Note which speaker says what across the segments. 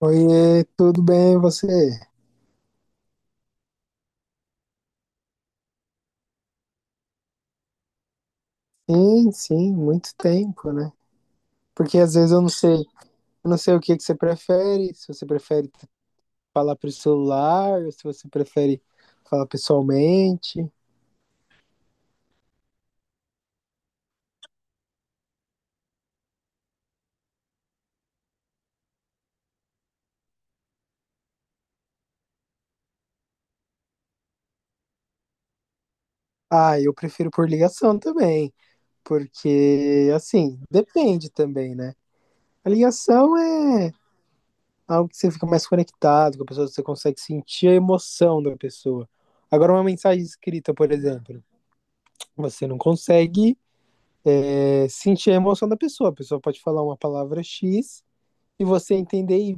Speaker 1: Oiê, tudo bem e você? Sim, sim, muito tempo, né? Porque às vezes eu não sei o que que você prefere, se você prefere falar por celular, se você prefere falar pessoalmente. Ah, eu prefiro por ligação também, porque assim, depende também, né? A ligação é algo que você fica mais conectado com a pessoa, você consegue sentir a emoção da pessoa. Agora, uma mensagem escrita, por exemplo, você não consegue sentir a emoção da pessoa. A pessoa pode falar uma palavra X e você entender Y,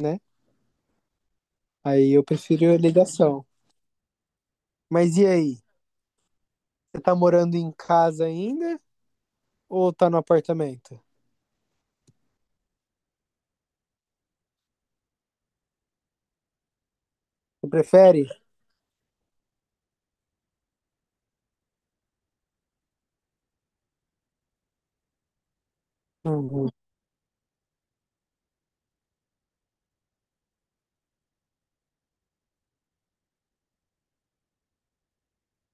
Speaker 1: né? Aí eu prefiro a ligação. Mas e aí? Você tá morando em casa ainda ou tá no apartamento? Você prefere? Uhum.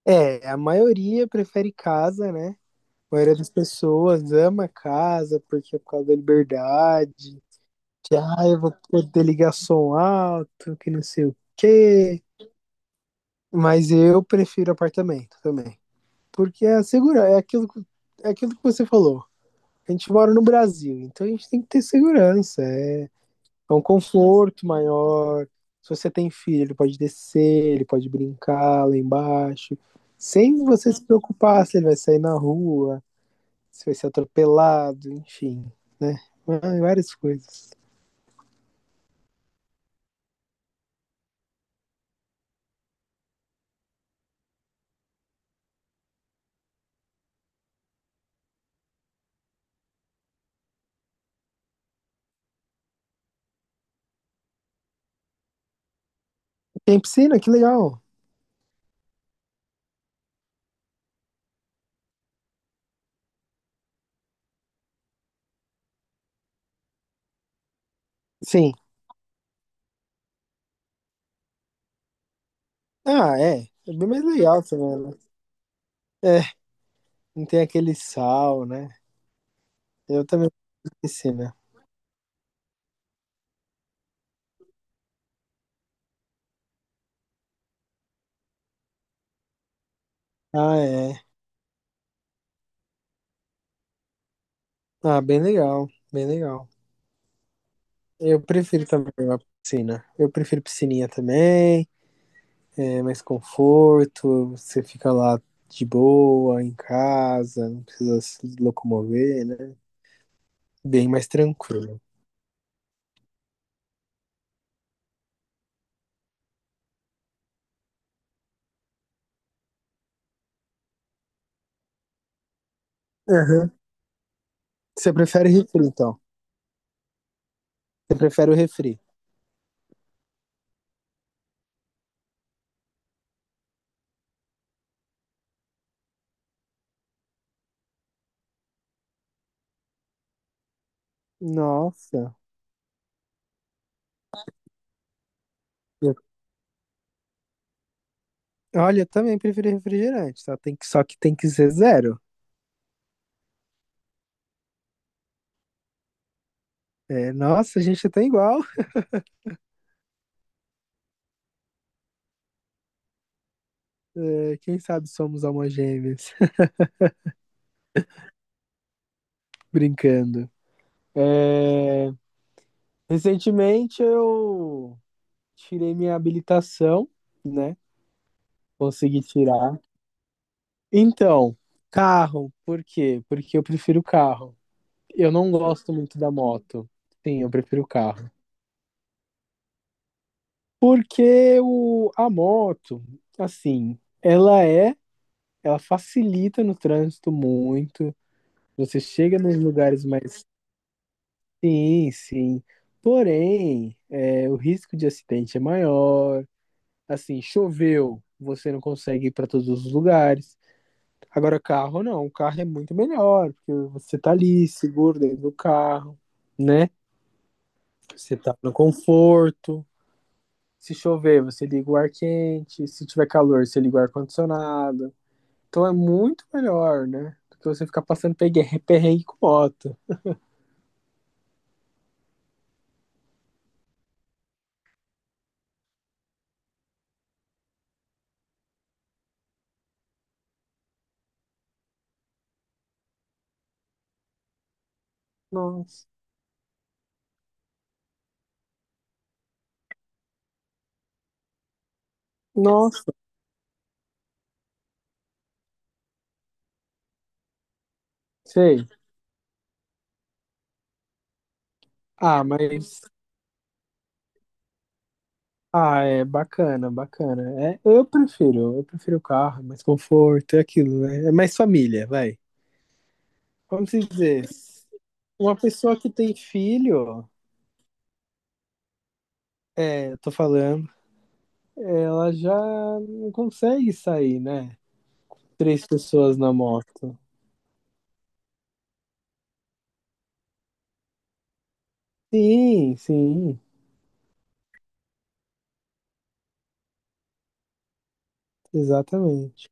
Speaker 1: É, a maioria prefere casa, né? A maioria das pessoas ama casa porque é por causa da liberdade. Que, ah, eu vou poder ligar som alto, que não sei o quê. Mas eu prefiro apartamento também. Porque é segurança, é aquilo, é aquilo que você falou. A gente mora no Brasil, então a gente tem que ter segurança. É, é um conforto maior. Se você tem filho, ele pode descer, ele pode brincar lá embaixo, sem você se preocupar se ele vai sair na rua, se vai ser atropelado, enfim, né? Ah, várias coisas. Tem piscina, que legal. Sim. Ah, é. É bem mais legal também, né? É, não tem aquele sal, né? Eu também tenho piscina. Ah, é. Ah, bem legal, bem legal. Eu prefiro também a piscina. Eu prefiro piscininha também, é mais conforto, você fica lá de boa, em casa, não precisa se locomover, né? Bem mais tranquilo. Aham. Você prefere refri, então? Você prefere o refri? Nossa. eu- Olha, eu também prefiro refrigerante, só que tem que ser zero. É, nossa, a gente tá igual. É, quem sabe somos almas gêmeas. Brincando. É, recentemente eu tirei minha habilitação, né? Consegui tirar. Então, carro, por quê? Porque eu prefiro carro. Eu não gosto muito da moto. Sim, eu prefiro carro. Porque a moto, assim, ela facilita no trânsito muito. Você chega nos lugares mais. Sim, sim. Porém, é, o risco de acidente é maior. Assim, choveu, você não consegue ir para todos os lugares. Agora, carro não, o carro é muito melhor, porque você tá ali, seguro dentro do carro, né? Você tá no conforto. Se chover, você liga o ar quente. Se tiver calor, você liga o ar-condicionado. Então é muito melhor, né? Do que você ficar passando perrengue com moto. Nossa, nossa, sei. Ah, mas ah, é bacana, bacana. É, eu prefiro o carro, é mais conforto, é aquilo, né? É mais família, vai. Vamos dizer, uma pessoa que tem filho, é, eu tô falando, ela já não consegue sair, né? Três pessoas na moto. Sim, sim, exatamente.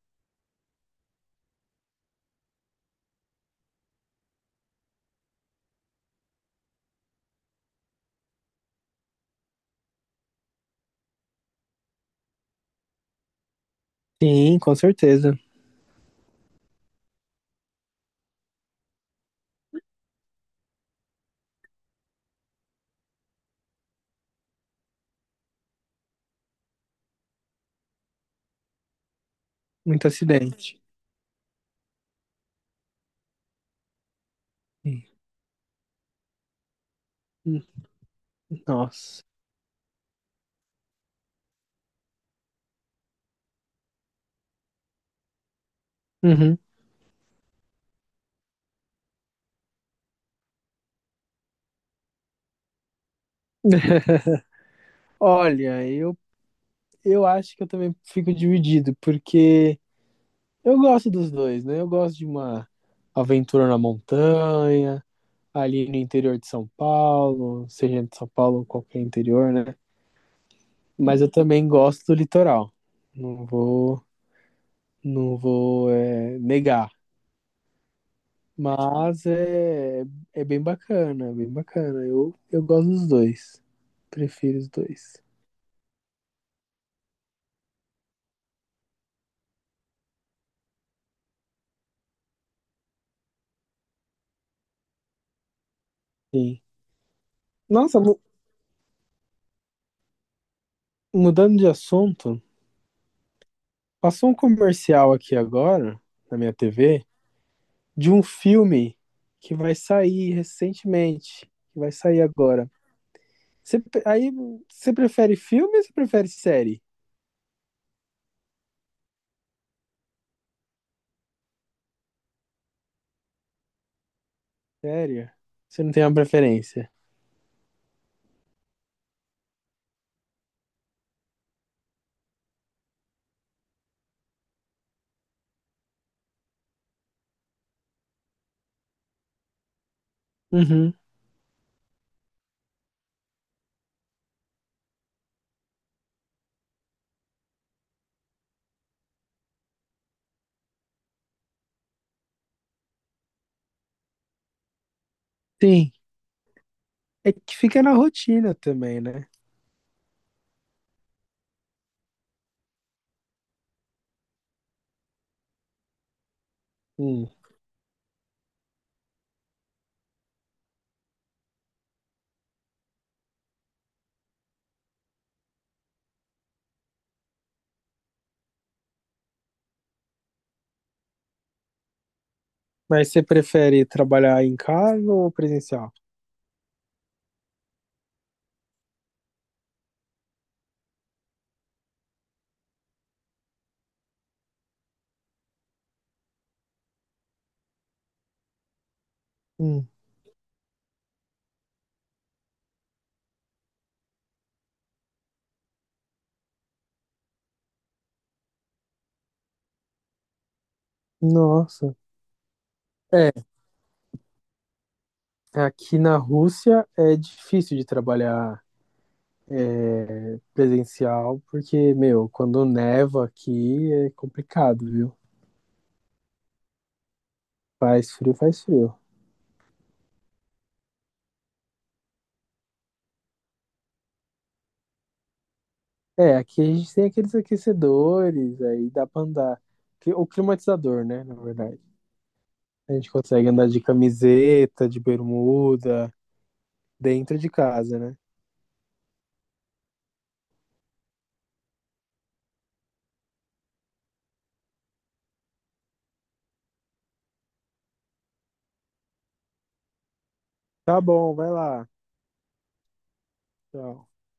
Speaker 1: Sim, com certeza. Muito acidente. Sim. Uhum. Nossa. Uhum. Olha, eu acho que eu também fico dividido, porque eu gosto dos dois, né? Eu gosto de uma aventura na montanha, ali no interior de São Paulo, seja de São Paulo ou qualquer interior, né? Mas eu também gosto do litoral. Não vou, não vou negar. Mas é, é bem bacana, é bem bacana. Eu gosto dos dois. Prefiro os dois. Sim. Nossa, mu- mudando de assunto, passou um comercial aqui agora na minha TV. De um filme que vai sair recentemente, que vai sair agora. Você, aí, você prefere filme ou você prefere série? Sério? Você não tem uma preferência? Uhum. Sim. É que fica na rotina também, né? Hum. Mas você prefere trabalhar em casa ou presencial? Hum. Nossa. É, aqui na Rússia é difícil de trabalhar presencial, porque, meu, quando neva aqui é complicado, viu? Faz frio, faz frio. É, aqui a gente tem aqueles aquecedores, aí dá pra andar. O climatizador, né, na verdade. A gente consegue andar de camiseta, de bermuda, dentro de casa, né? Tá bom, vai lá. Tchau.